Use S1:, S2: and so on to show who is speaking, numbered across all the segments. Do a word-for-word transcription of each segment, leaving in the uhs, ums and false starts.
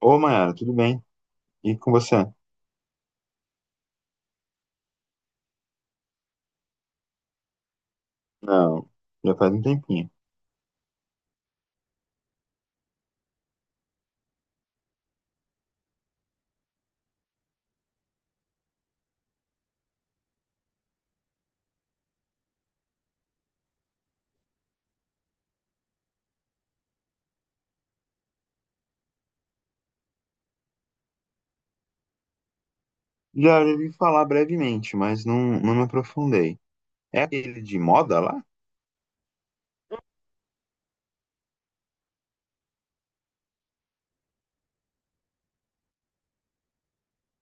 S1: Ô, Mayara, tudo bem? E com você? Não, já faz um tempinho. Já ouvi falar brevemente, mas não, não me aprofundei. É aquele de moda lá?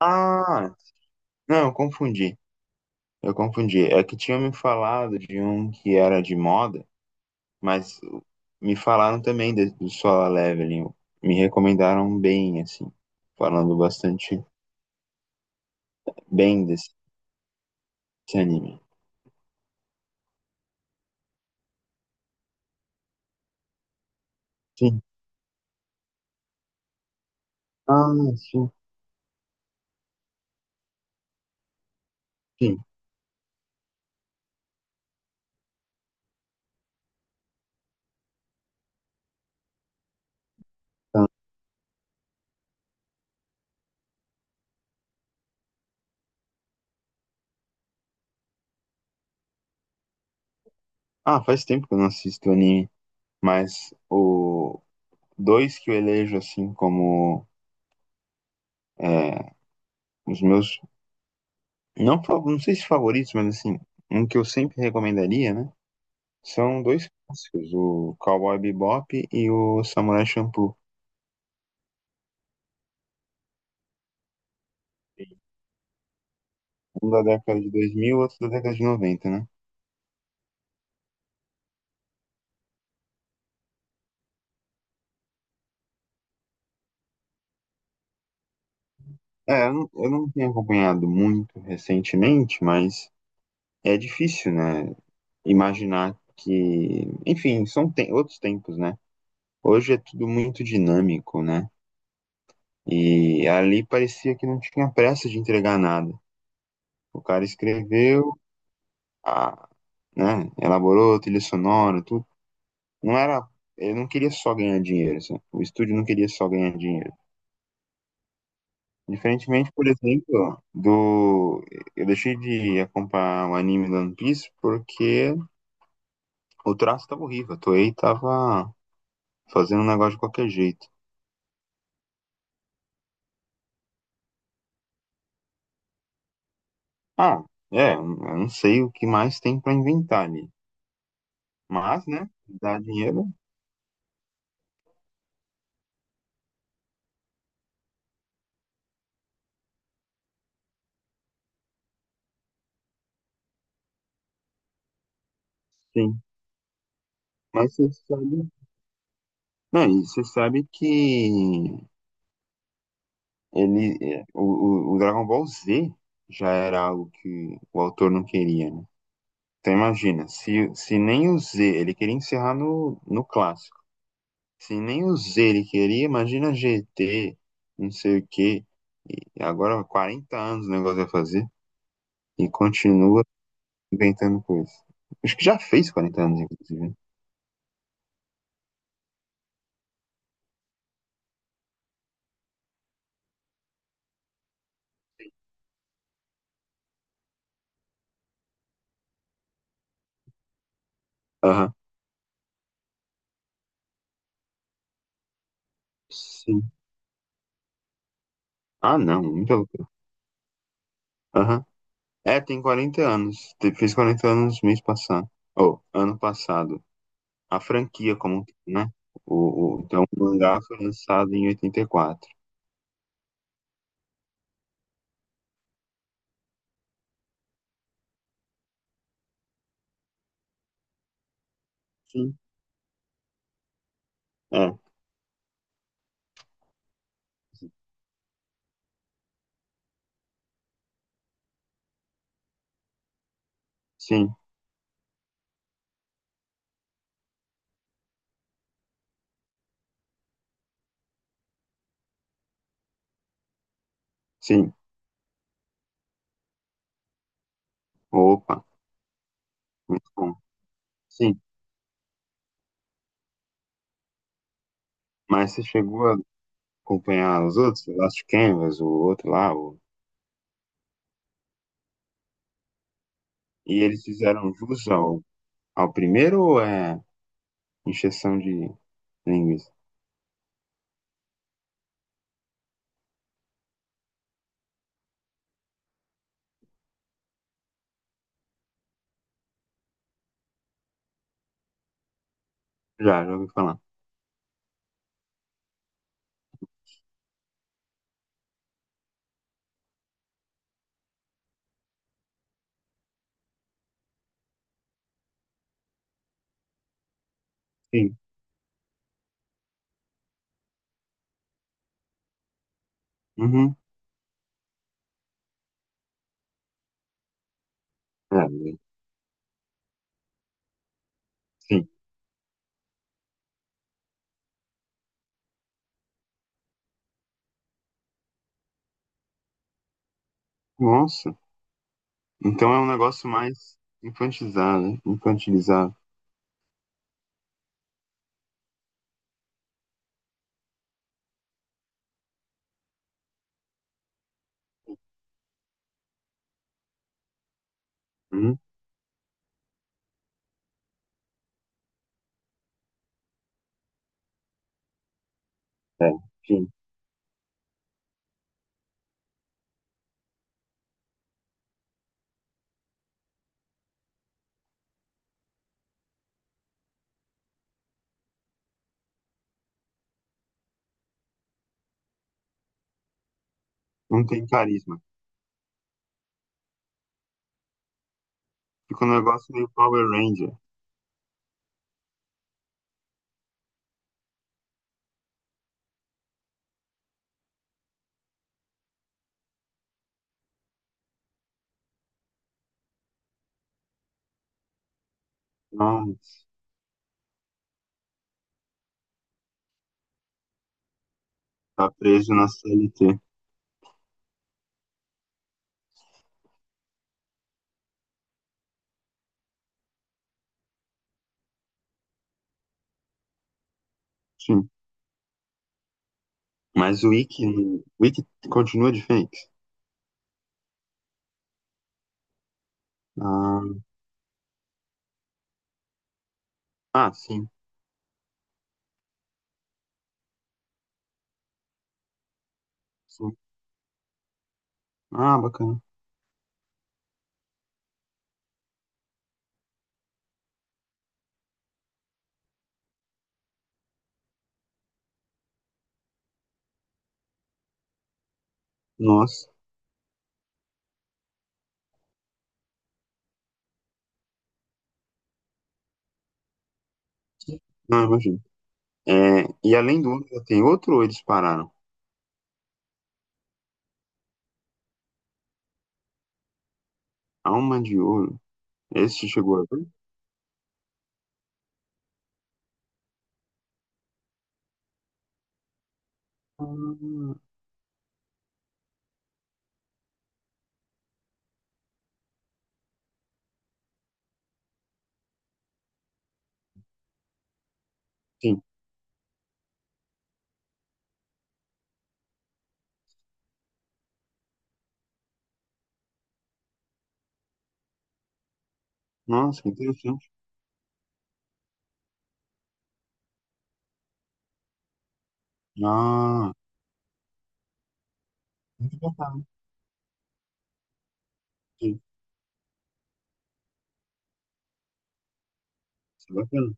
S1: Ah, não, eu confundi. Eu confundi. É que tinham me falado de um que era de moda, mas me falaram também de- do Solar Leveling. Me recomendaram bem, assim, falando bastante bem desse, desse anime. Sim. Ah, sim, sim. Ah, faz tempo que eu não assisto anime, mas o dois que eu elejo assim como é, os meus, não, não sei se favoritos, mas assim, um que eu sempre recomendaria, né? São dois clássicos, o Cowboy Bebop e o Samurai Champloo. Um da década de dois mil, outro da década de noventa, né? É, eu não, eu não tenho acompanhado muito recentemente, mas é difícil, né? Imaginar que. Enfim, são te- outros tempos, né? Hoje é tudo muito dinâmico, né? E ali parecia que não tinha pressa de entregar nada. O cara escreveu, a, né, elaborou trilha sonora, tudo. Não era, ele não queria só ganhar dinheiro, sabe? O estúdio não queria só ganhar dinheiro. Diferentemente, por exemplo, do... Eu deixei de acompanhar o anime do One Piece porque o traço tava horrível, a Toei tava fazendo um negócio de qualquer jeito. Ah, é, eu não sei o que mais tem pra inventar ali. Mas, né, dá dinheiro, sim. Mas você sabe, não, e você sabe que... Ele, é, o, o, o Dragon Ball Z já era algo que o autor não queria, né? Então imagina, se, se nem o Z, ele queria encerrar no, no clássico. Se nem o Z ele queria, imagina G T, não sei o quê. E agora quarenta anos o negócio vai fazer e continua inventando coisa. Acho que já fez quarenta anos, inclusive, né? Aham. Sim. Ah, não, muita loucura. Aham. É, tem quarenta anos. Te- Fez quarenta anos mês passado. Ou ano passado. A franquia como um todo, né? O, o- então, o mangá foi lançado em oitenta e quatro. Sim, é, sim, sim. Opa, muito bom. Sim, mas você chegou a acompanhar os outros, o Last Canvas, o outro lá, o... E eles fizeram jus ao, ao primeiro ou é encheção de linguiça? Já, já ouvi falar. Sim, uhum. É, sim. Nossa, então é um negócio mais infantilizado, né? Infantilizado. Uhum. É, sim. Não tem carisma. Fica um negócio meio Power Ranger. Não, tá preso na C L T. Sim. Mas o Wiki, o Wiki continua de fake. Ah, ah, sim, sim. Ah, bacana. Nossa, não imagino. É, e além do Ômega, tem outro ou eles pararam? Alma de Ouro. Esse chegou a ver? Ah, sim. Nossa, que interessante. Ah, muito bacana. Sim, isso é bacana.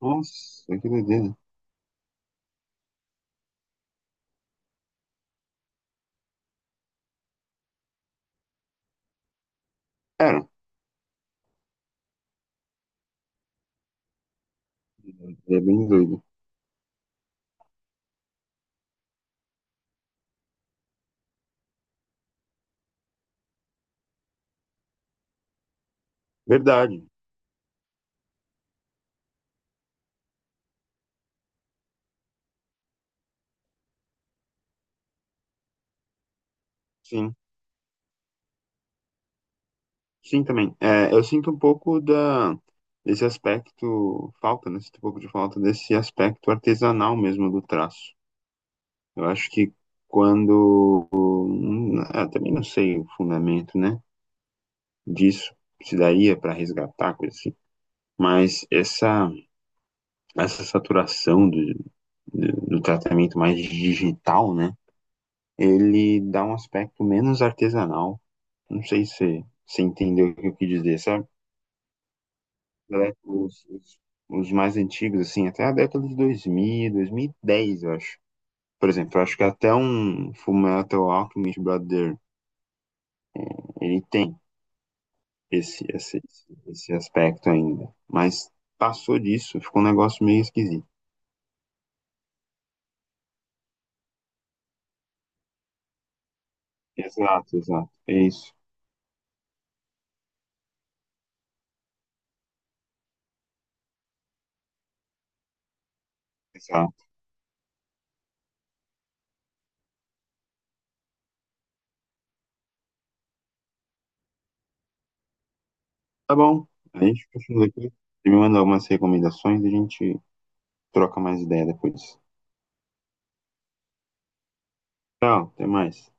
S1: Nossa, que doideira. Era, é bem doido. Verdade. Sim. Sim, também. É, eu sinto um pouco da, desse aspecto, falta, né? Sinto um pouco de falta desse aspecto artesanal mesmo do traço. Eu acho que quando, hum, eu também não sei o fundamento, né, disso, se daria para resgatar, coisa assim. Mas essa, essa saturação do, do, do tratamento mais digital, né, ele dá um aspecto menos artesanal. Não sei se você entendeu o que eu quis dizer, sabe? Né, os, os, os mais antigos, assim, até a década de dois mil, dois mil e dez, eu acho. Por exemplo, eu acho que até um Fullmetal Alchemist Brother, ele tem esse, esse, esse aspecto ainda. Mas passou disso, ficou um negócio meio esquisito. Exato, exato. É isso. Exato. Tá bom. A gente continua aqui. Você me manda algumas recomendações e a gente troca mais ideia depois. Tchau, até mais.